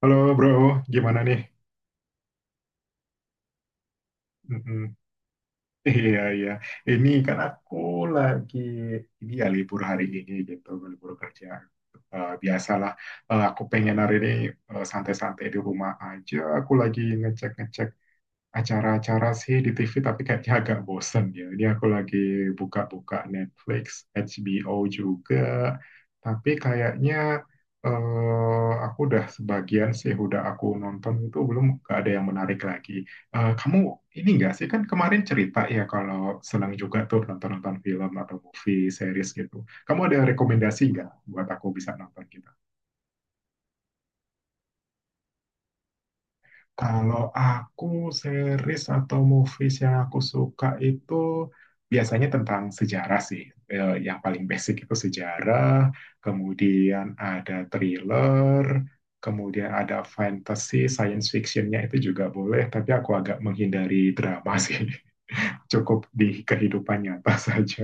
Halo bro, gimana nih? Mm-mm. Iya iya, ini kan aku lagi ini ya libur hari ini gitu, libur kerja. Biasalah. Aku pengen hari ini santai-santai di rumah aja. Aku lagi ngecek-ngecek acara-acara sih di TV, tapi kayaknya agak bosen ya. Ini aku lagi buka-buka Netflix, HBO juga, tapi kayaknya aku udah sebagian sih udah aku nonton itu belum gak ada yang menarik lagi. Kamu ini nggak sih, kan kemarin cerita ya kalau senang juga tuh nonton-nonton film atau movie series gitu. Kamu ada rekomendasi nggak buat aku bisa nonton gitu? Kalau aku series atau movies yang aku suka itu biasanya tentang sejarah sih. Yang paling basic itu sejarah, kemudian ada thriller, kemudian ada fantasy, science fictionnya itu juga boleh, tapi aku agak menghindari drama sih. Cukup di kehidupan nyata saja.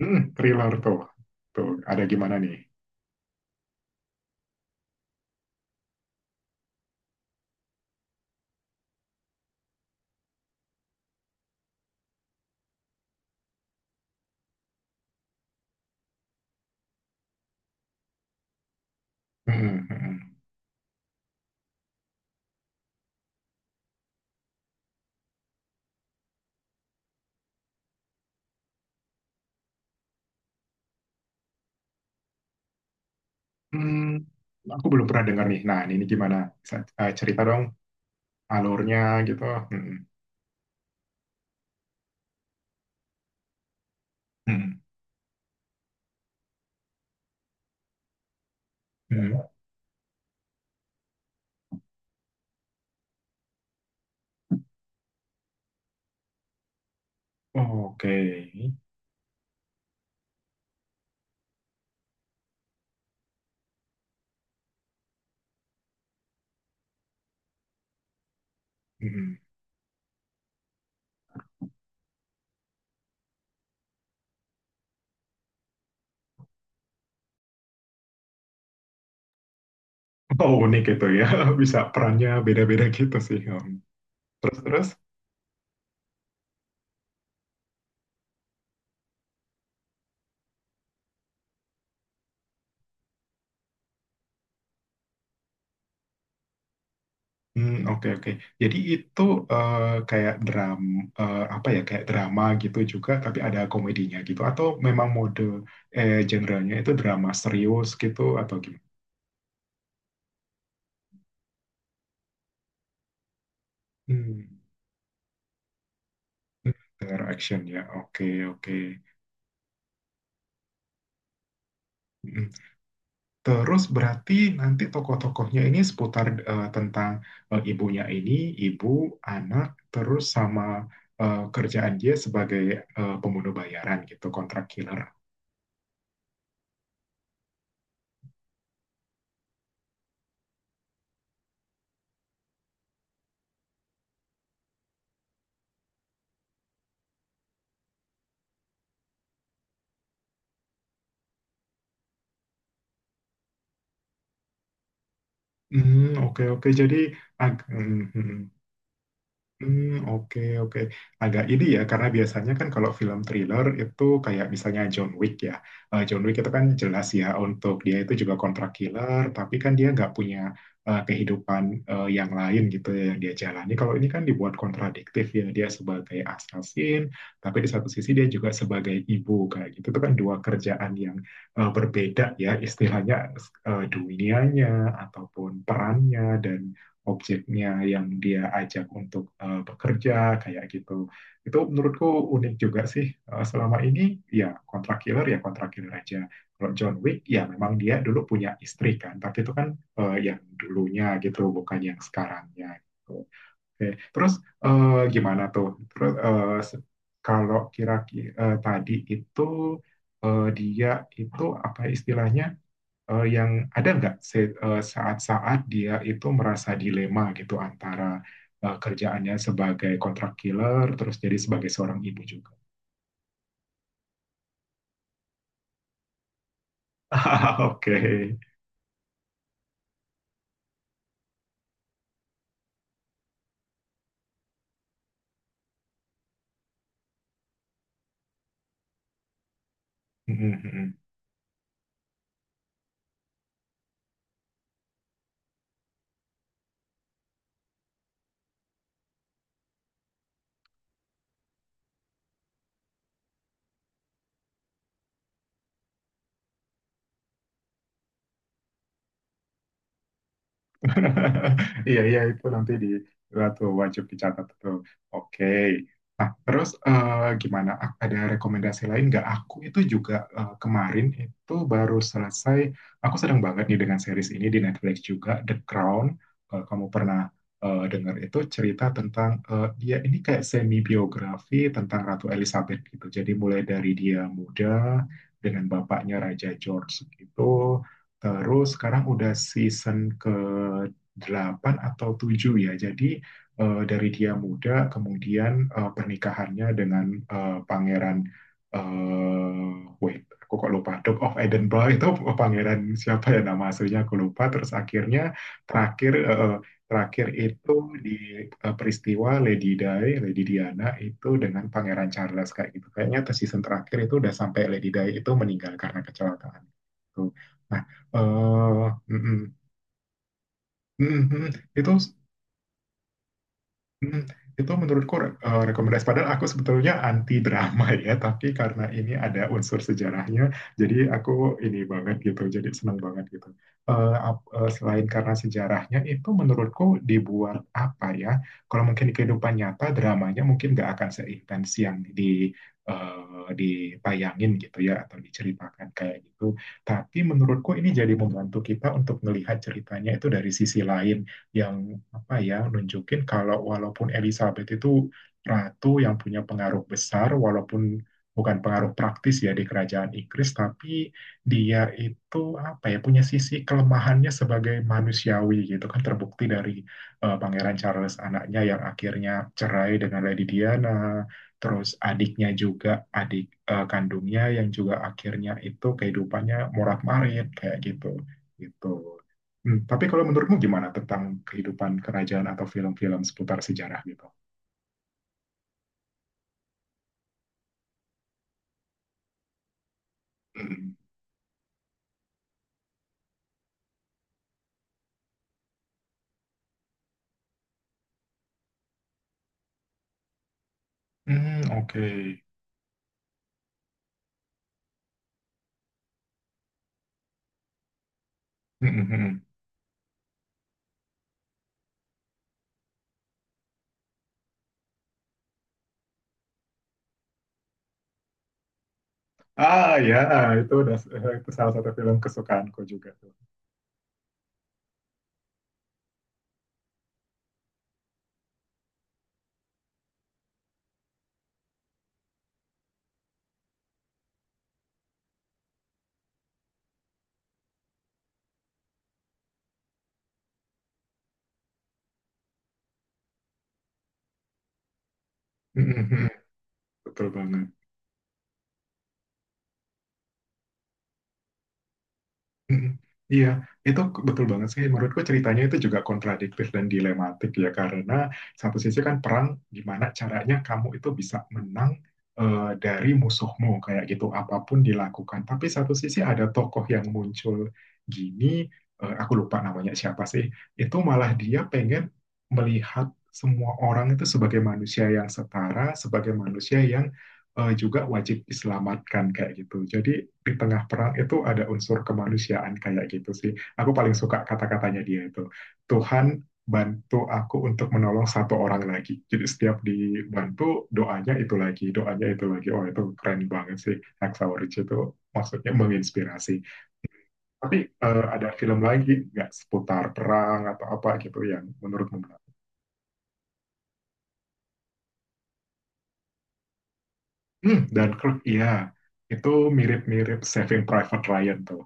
Hmm, thriller tuh. Tuh, ada gimana nih? Hmm, hmm, hmm. Hmm, aku belum pernah dengar nih. Nah, ini gimana? Cerita dong alurnya gitu. Mm, mm, mm. Oke. Mm. Oh, unik gitu ya. Bisa perannya beda-beda gitu sih. Terus terus. Hmm, oke oke. Jadi itu eh, kayak apa ya, kayak drama gitu juga tapi ada komedinya gitu, atau memang mode genre itu drama serius gitu atau gimana? Hmm. Dengar action ya. Oke oke. Hmm. Terus berarti nanti tokoh-tokohnya ini seputar tentang ibunya ini, ibu, anak, terus sama kerjaan dia sebagai pembunuh bayaran gitu, kontrak killer. Hmm, oke oke. Jadi ag- mhm. Hmm, oke, oke. Agak ini ya, karena biasanya kan kalau film thriller itu kayak misalnya John Wick ya. John Wick itu kan jelas ya, untuk dia itu juga kontrak killer, tapi kan dia nggak punya kehidupan yang lain gitu ya yang dia jalani. Kalau ini kan dibuat kontradiktif ya, dia sebagai assassin, tapi di satu sisi dia juga sebagai ibu kayak gitu. Itu kan dua kerjaan yang berbeda ya, istilahnya dunianya ataupun perannya, dan objeknya yang dia ajak untuk bekerja kayak gitu. Itu menurutku unik juga sih. Eh, selama ini ya kontrak killer aja. Kalau John Wick ya memang dia dulu punya istri kan, tapi itu kan yang dulunya gitu, bukan yang sekarangnya gitu. Oke, terus gimana tuh? Terus kalau kira-kira tadi itu dia itu apa istilahnya yang ada nggak saat-saat dia itu merasa dilema gitu antara kerjaannya sebagai kontrak killer terus jadi sebagai seorang ibu juga. Oke. Mm-mm-mm. Iya, iya, itu nanti di itu wajib dicatat tuh. Oke. Nah, terus gimana? Ada rekomendasi lain nggak? Aku itu juga kemarin itu baru selesai. Aku sedang banget nih dengan series ini di Netflix juga, The Crown. Kalau kamu pernah dengar, itu cerita tentang dia ini kayak semi biografi tentang Ratu Elizabeth gitu. Jadi mulai dari dia muda dengan bapaknya Raja George gitu. Terus sekarang udah season ke 8 atau 7 ya. Jadi dari dia muda kemudian pernikahannya dengan pangeran aku kok lupa. Duke of Edinburgh itu pangeran siapa ya, nama aslinya aku lupa. Terus akhirnya terakhir eh, eh, terakhir itu di peristiwa Lady Di, Lady Diana itu dengan Pangeran Charles kayak gitu. Kayaknya ke season terakhir itu udah sampai Lady Di itu meninggal karena kecelakaan. Tuh. Nah, eh mm, mm, mm, mm. itu Hmm, itu menurutku rekomendasi. Padahal aku sebetulnya anti drama ya, tapi karena ini ada unsur sejarahnya, jadi aku ini banget gitu, jadi senang banget gitu. Selain karena sejarahnya, itu menurutku dibuat apa ya? Kalau mungkin di kehidupan nyata dramanya mungkin nggak akan seintens yang di dipayangin gitu ya, atau diceritakan kayak gitu. Tapi menurutku ini jadi membantu kita untuk melihat ceritanya itu dari sisi lain, yang apa ya, nunjukin kalau walaupun Elizabeth itu ratu yang punya pengaruh besar, walaupun bukan pengaruh praktis ya di kerajaan Inggris, tapi dia itu apa ya, punya sisi kelemahannya sebagai manusiawi gitu kan, terbukti dari Pangeran Charles anaknya yang akhirnya cerai dengan Lady Diana, terus adiknya juga, adik kandungnya yang juga akhirnya itu kehidupannya morat-marit kayak gitu gitu. Hmm, tapi kalau menurutmu gimana tentang kehidupan kerajaan atau film-film seputar sejarah gitu? Hmm, hmm, oke. Hmm, hmm, hmm. Ah ya, ah, itu udah itu salah satu film kesukaanku juga tuh. Hmm, hmm, hmm. hmm. Betul banget. Mm. Iya, itu betul banget sih. Menurutku ceritanya itu juga kontradiktif dan dilematik ya, karena satu sisi kan perang, gimana caranya kamu itu bisa menang dari musuhmu kayak gitu, apapun dilakukan. Tapi satu sisi ada tokoh yang muncul gini, aku lupa namanya siapa sih. Itu malah dia pengen melihat semua orang itu sebagai manusia yang setara, sebagai manusia yang juga wajib diselamatkan kayak gitu. Jadi di tengah perang itu ada unsur kemanusiaan kayak gitu sih. Aku paling suka kata-katanya dia itu. Tuhan bantu aku untuk menolong satu orang lagi. Jadi setiap dibantu, doanya itu lagi, doanya itu lagi. Oh itu keren banget sih. Hacksaw Ridge itu maksudnya menginspirasi. Tapi ada film lagi nggak seputar perang atau apa gitu yang menurutmu menarik? Hmm, dan Kirk, iya. Itu mirip-mirip Saving Private Ryan tuh.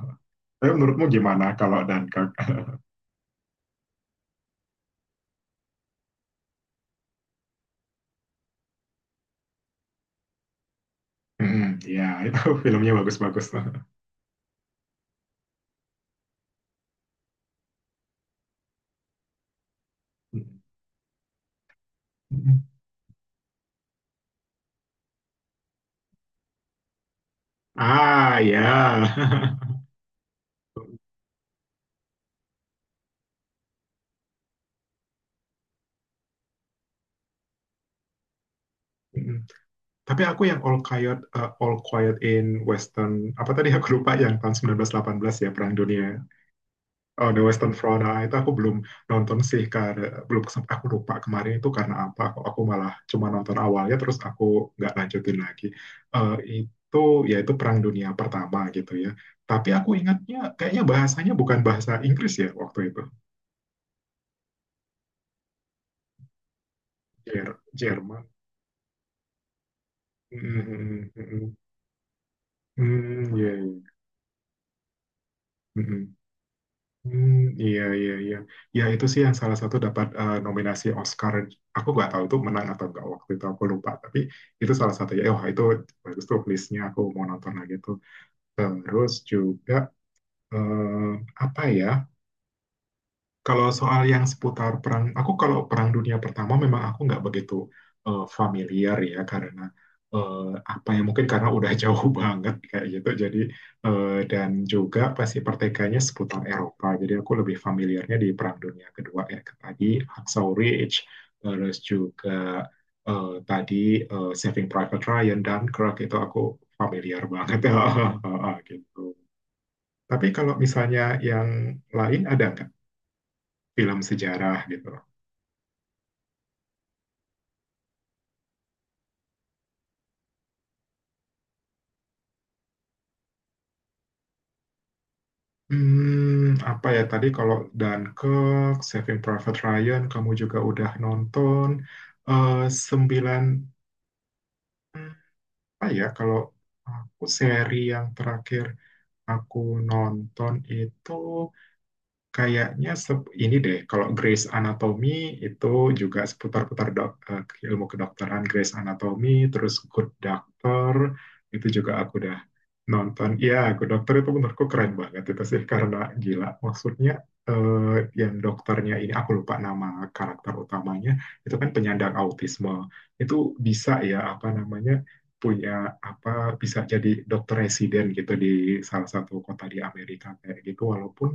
Tapi menurutmu gimana kalau Dunkirk? Mhm, ya itu filmnya bagus-bagus tuh. Mhm. Ah, ya. Mhm. Tapi aku yang All Quiet, eh, All Quiet in Western, apa tadi, aku lupa yang tahun 1918 ya, Perang Dunia. Oh, The Western Front, ah, itu aku belum nonton sih, karena belum sempat, aku lupa kemarin itu karena apa, aku malah cuma nonton awalnya, terus aku nggak lanjutin lagi. Eh, itu, ya itu Perang Dunia Pertama gitu ya. Tapi aku ingatnya, kayaknya bahasanya bukan bahasa Inggris ya waktu itu. Jer- Jerman. Mhm, mhm, mhm. Iya, iya. Mhm. Hmm, iya, iya, iya. Ya, itu sih yang salah satu dapat nominasi Oscar. Aku nggak tahu itu menang atau nggak waktu itu, aku lupa. Tapi itu salah satu. Ya, oh, itu bagus tuh listnya, aku mau nonton lagi tuh. Terus juga, eh, apa ya? Kalau soal yang seputar perang, aku kalau Perang Dunia Pertama memang aku nggak begitu familiar ya, karena eh, apa ya, mungkin karena udah jauh banget kayak gitu. Jadi dan juga pasti pertikaiannya seputar Eropa. Jadi aku lebih familiarnya di Perang Dunia Kedua ya, ke tadi Hacksaw Ridge, terus juga tadi Saving Private Ryan dan Dunkirk itu aku familiar banget gitu. Tapi kalau misalnya yang lain ada nggak film sejarah gitu. Hmm, apa ya tadi kalau Dunkirk, Saving Private Ryan, kamu juga udah nonton eh, sembilan hmm, apa ya kalau aku seri yang terakhir aku nonton itu, kayaknya ini deh, kalau Grey's Anatomy itu juga seputar-putar dok, ilmu kedokteran, Grey's Anatomy, terus Good Doctor, itu juga aku udah nonton. Iya, Good Doctor itu menurutku keren banget itu sih, karena gila. Maksudnya eh, yang dokternya ini, aku lupa nama karakter utamanya, itu kan penyandang autisme. Itu bisa ya, apa namanya, punya apa, bisa jadi dokter residen gitu di salah satu kota di Amerika kayak gitu, walaupun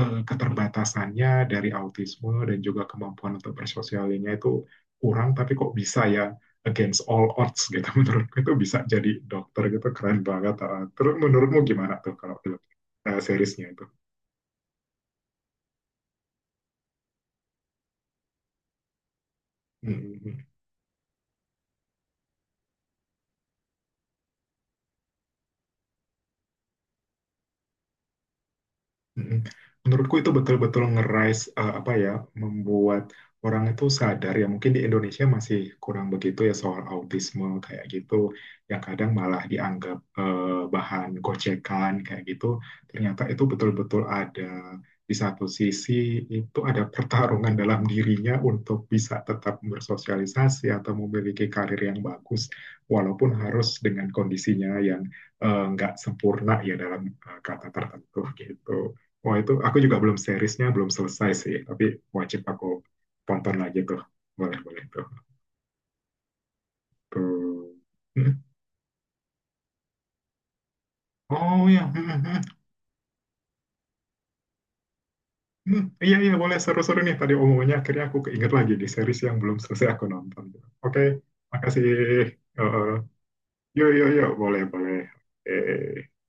keterbatasannya dari autisme dan juga kemampuan untuk bersosialnya itu kurang, tapi kok bisa ya, against all odds gitu. Menurutku itu bisa jadi dokter gitu keren banget. Ah. Terus menurutmu gimana tuh kalau itu, seriesnya itu? Hmm. hmm, hmm. Mm-mm. Menurutku itu betul-betul ngerais apa ya, membuat orang itu sadar ya, mungkin di Indonesia masih kurang begitu ya soal autisme kayak gitu, yang kadang malah dianggap bahan gocekan kayak gitu, ternyata itu betul-betul ada. Di satu sisi itu ada pertarungan dalam dirinya untuk bisa tetap bersosialisasi atau memiliki karir yang bagus, walaupun harus dengan kondisinya yang nggak sempurna ya dalam kata tertentu gitu. Wah itu aku juga belum, seriesnya belum selesai sih, tapi wajib aku tonton lagi tuh. Boleh boleh tuh. Tuh. Hmm. Oh ya, hmm, hmm, hmm. Hmm. Iya iya, boleh, seru-seru nih tadi omongannya, akhirnya aku keinget lagi di series yang belum selesai aku nonton. Oke, makasih. Eh, eh. Yuk yuk yuk, boleh boleh. Oke.